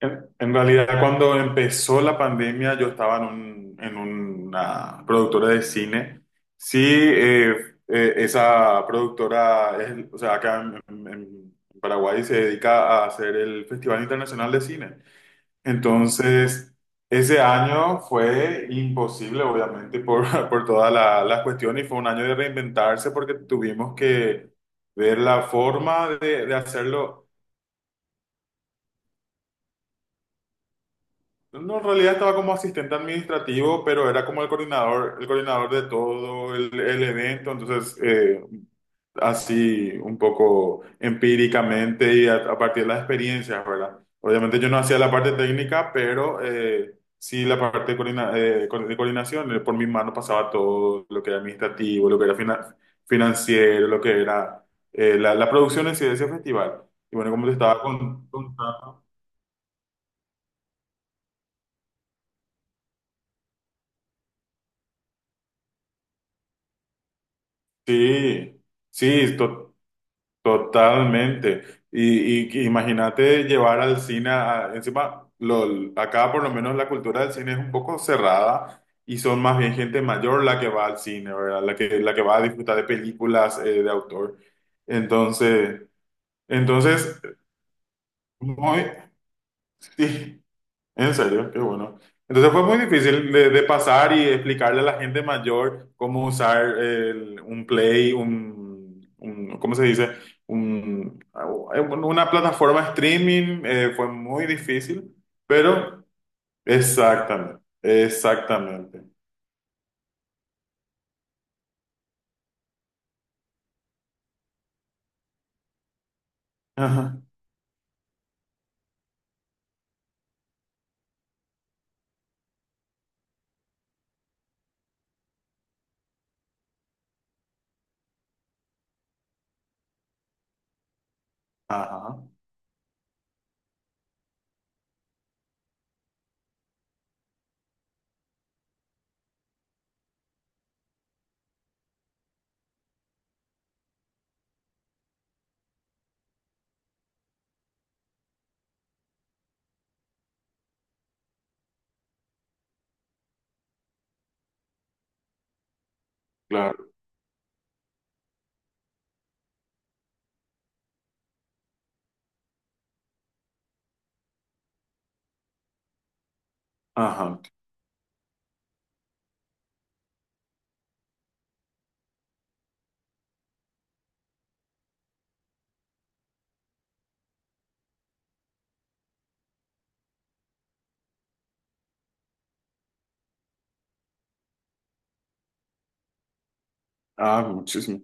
En realidad, cuando empezó la pandemia, yo estaba en, en una productora de cine. Sí, esa productora, es, o sea, acá en, en Paraguay se dedica a hacer el Festival Internacional de Cine. Entonces, ese año fue imposible, obviamente, por, por todas las cuestiones y fue un año de reinventarse porque tuvimos que ver la forma de hacerlo. No, no, en realidad estaba como asistente administrativo, pero era como el coordinador de todo el evento, entonces así un poco empíricamente y a partir de las experiencias, ¿verdad? Obviamente yo no hacía la parte técnica, pero sí la parte de, de coordinación, por mi mano pasaba todo lo que era administrativo, lo que era financiero, lo que era la, la producción en sí de ese festival. Y bueno, como te estaba sí. Sí, totalmente. Y que imagínate llevar al cine, encima, lo, acá por lo menos la cultura del cine es un poco cerrada y son más bien gente mayor la que va al cine, ¿verdad? La que va a disfrutar de películas de autor. Entonces, entonces, muy, sí, en serio, qué bueno. Entonces fue muy difícil de pasar y explicarle a la gente mayor cómo usar un Play, ¿cómo se dice? Un- una plataforma streaming. Fue muy difícil, pero exactamente, exactamente. Ajá, ajá, claro, ajá. Ah, muchísimo.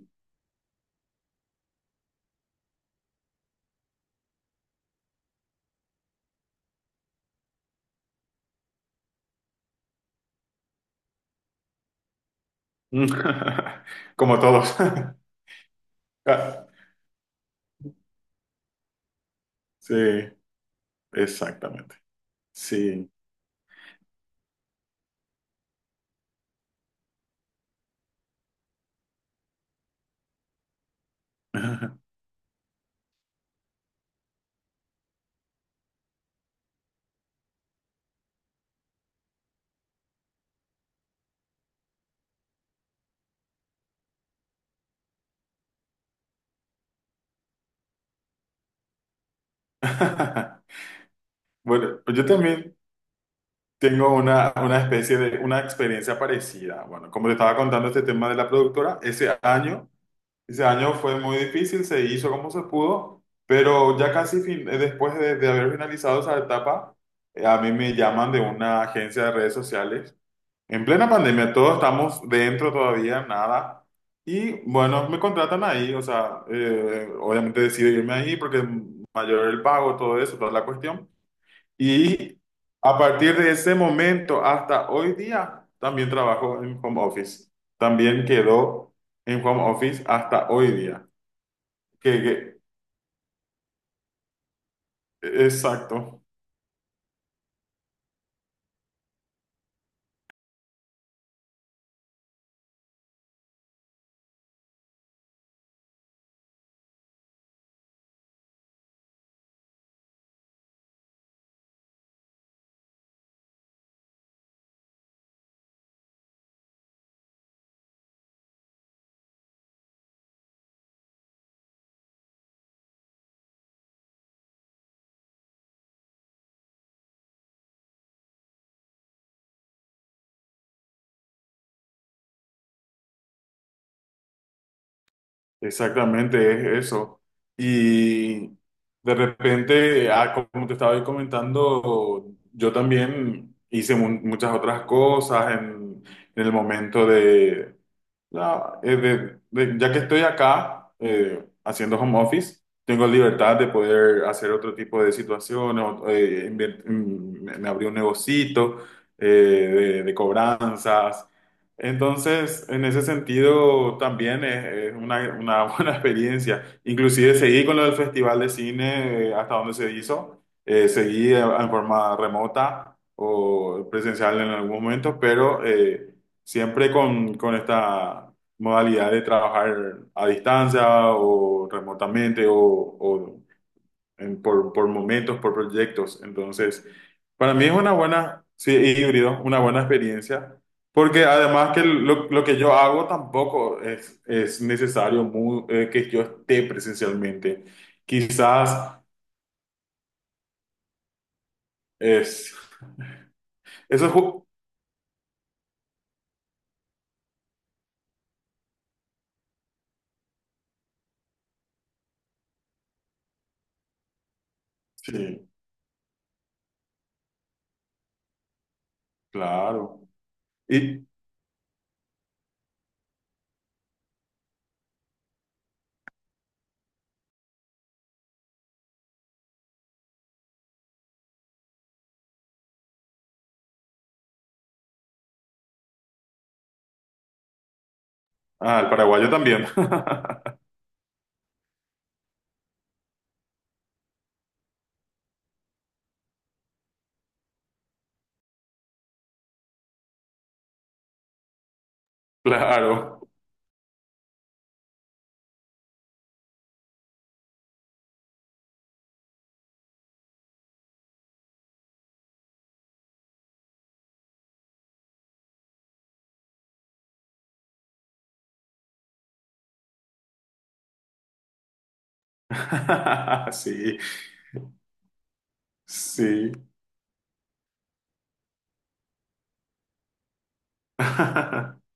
Como todos. Ah, sí, exactamente. Sí. Bueno, pues yo también tengo una especie de, una experiencia parecida. Bueno, como te estaba contando este tema de la productora, ese año fue muy difícil, se hizo como se pudo, pero ya casi después de haber finalizado esa etapa, a mí me llaman de una agencia de redes sociales. En plena pandemia, todos estamos dentro todavía, nada. Y bueno, me contratan ahí, o sea, obviamente decido irme ahí porque mayor el pago, todo eso, toda la cuestión. Y a partir de ese momento hasta hoy día, también trabajo en home office. También quedó en home office hasta hoy día. Que, exacto. Exactamente, es eso. Y de repente, ah, como te estaba ahí comentando, yo también hice muchas otras cosas en el momento de, la- eh, de- ya que estoy acá haciendo home office, tengo libertad de poder hacer otro tipo de situaciones, me abrí un negocito de cobranzas, entonces, en ese sentido, también es una buena experiencia. Inclusive seguí con lo del Festival de Cine hasta donde se hizo. Seguí en forma remota o presencial en algún momento, pero siempre con esta modalidad de trabajar a distancia o remotamente o, por momentos, por proyectos. Entonces, para mí es una buena, sí, híbrido, una buena experiencia, porque además que lo que yo hago tampoco es, es necesario que yo esté presencialmente. Quizás es, eso es, ju- sí, claro. Y, ah, el paraguayo también. Claro. Sí, sí.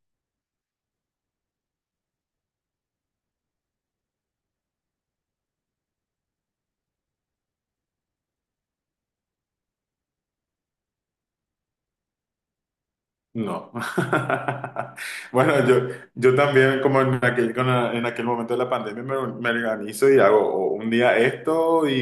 No. Bueno, yo también, como en aquel, en aquel momento de la pandemia, me organizo y hago o un día esto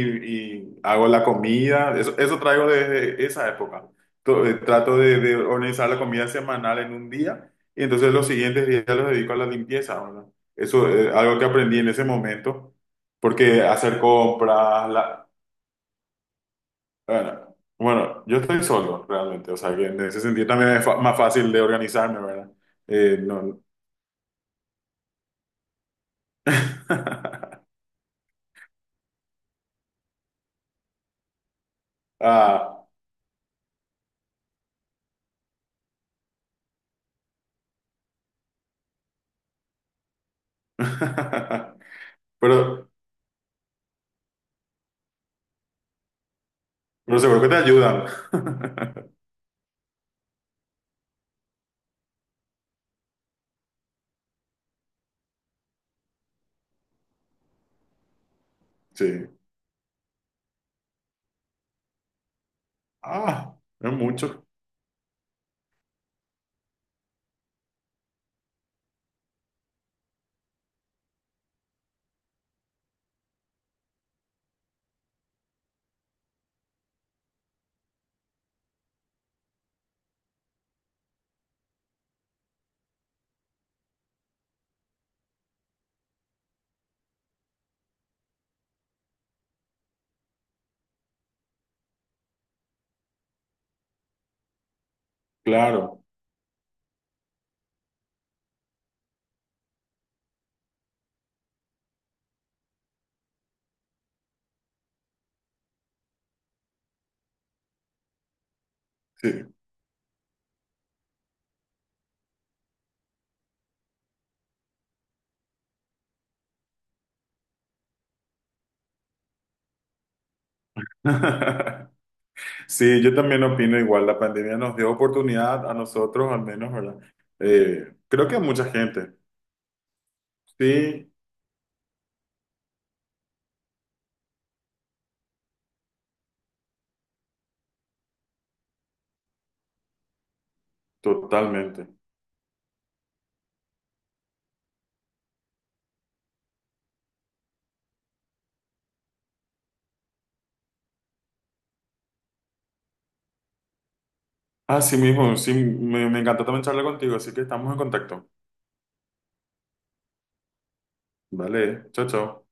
y hago la comida. Eso traigo desde esa época. Trato de organizar la comida semanal en un día y entonces los siguientes días los dedico a la limpieza, ¿verdad? Eso es algo que aprendí en ese momento, porque hacer compras, bueno, bueno, yo estoy solo realmente, o sea que en ese sentido también es más fácil de organizarme, ¿verdad? No. Ah. Pero, pero seguro que te ayudan. Sí. Ah, es mucho. Claro, sí. Sí, yo también opino igual. La pandemia nos dio oportunidad a nosotros, al menos, ¿verdad? Creo que a mucha gente. Sí, totalmente. Así mismo, sí, me encantó también charlar contigo, así que estamos en contacto. Vale, chao, chao.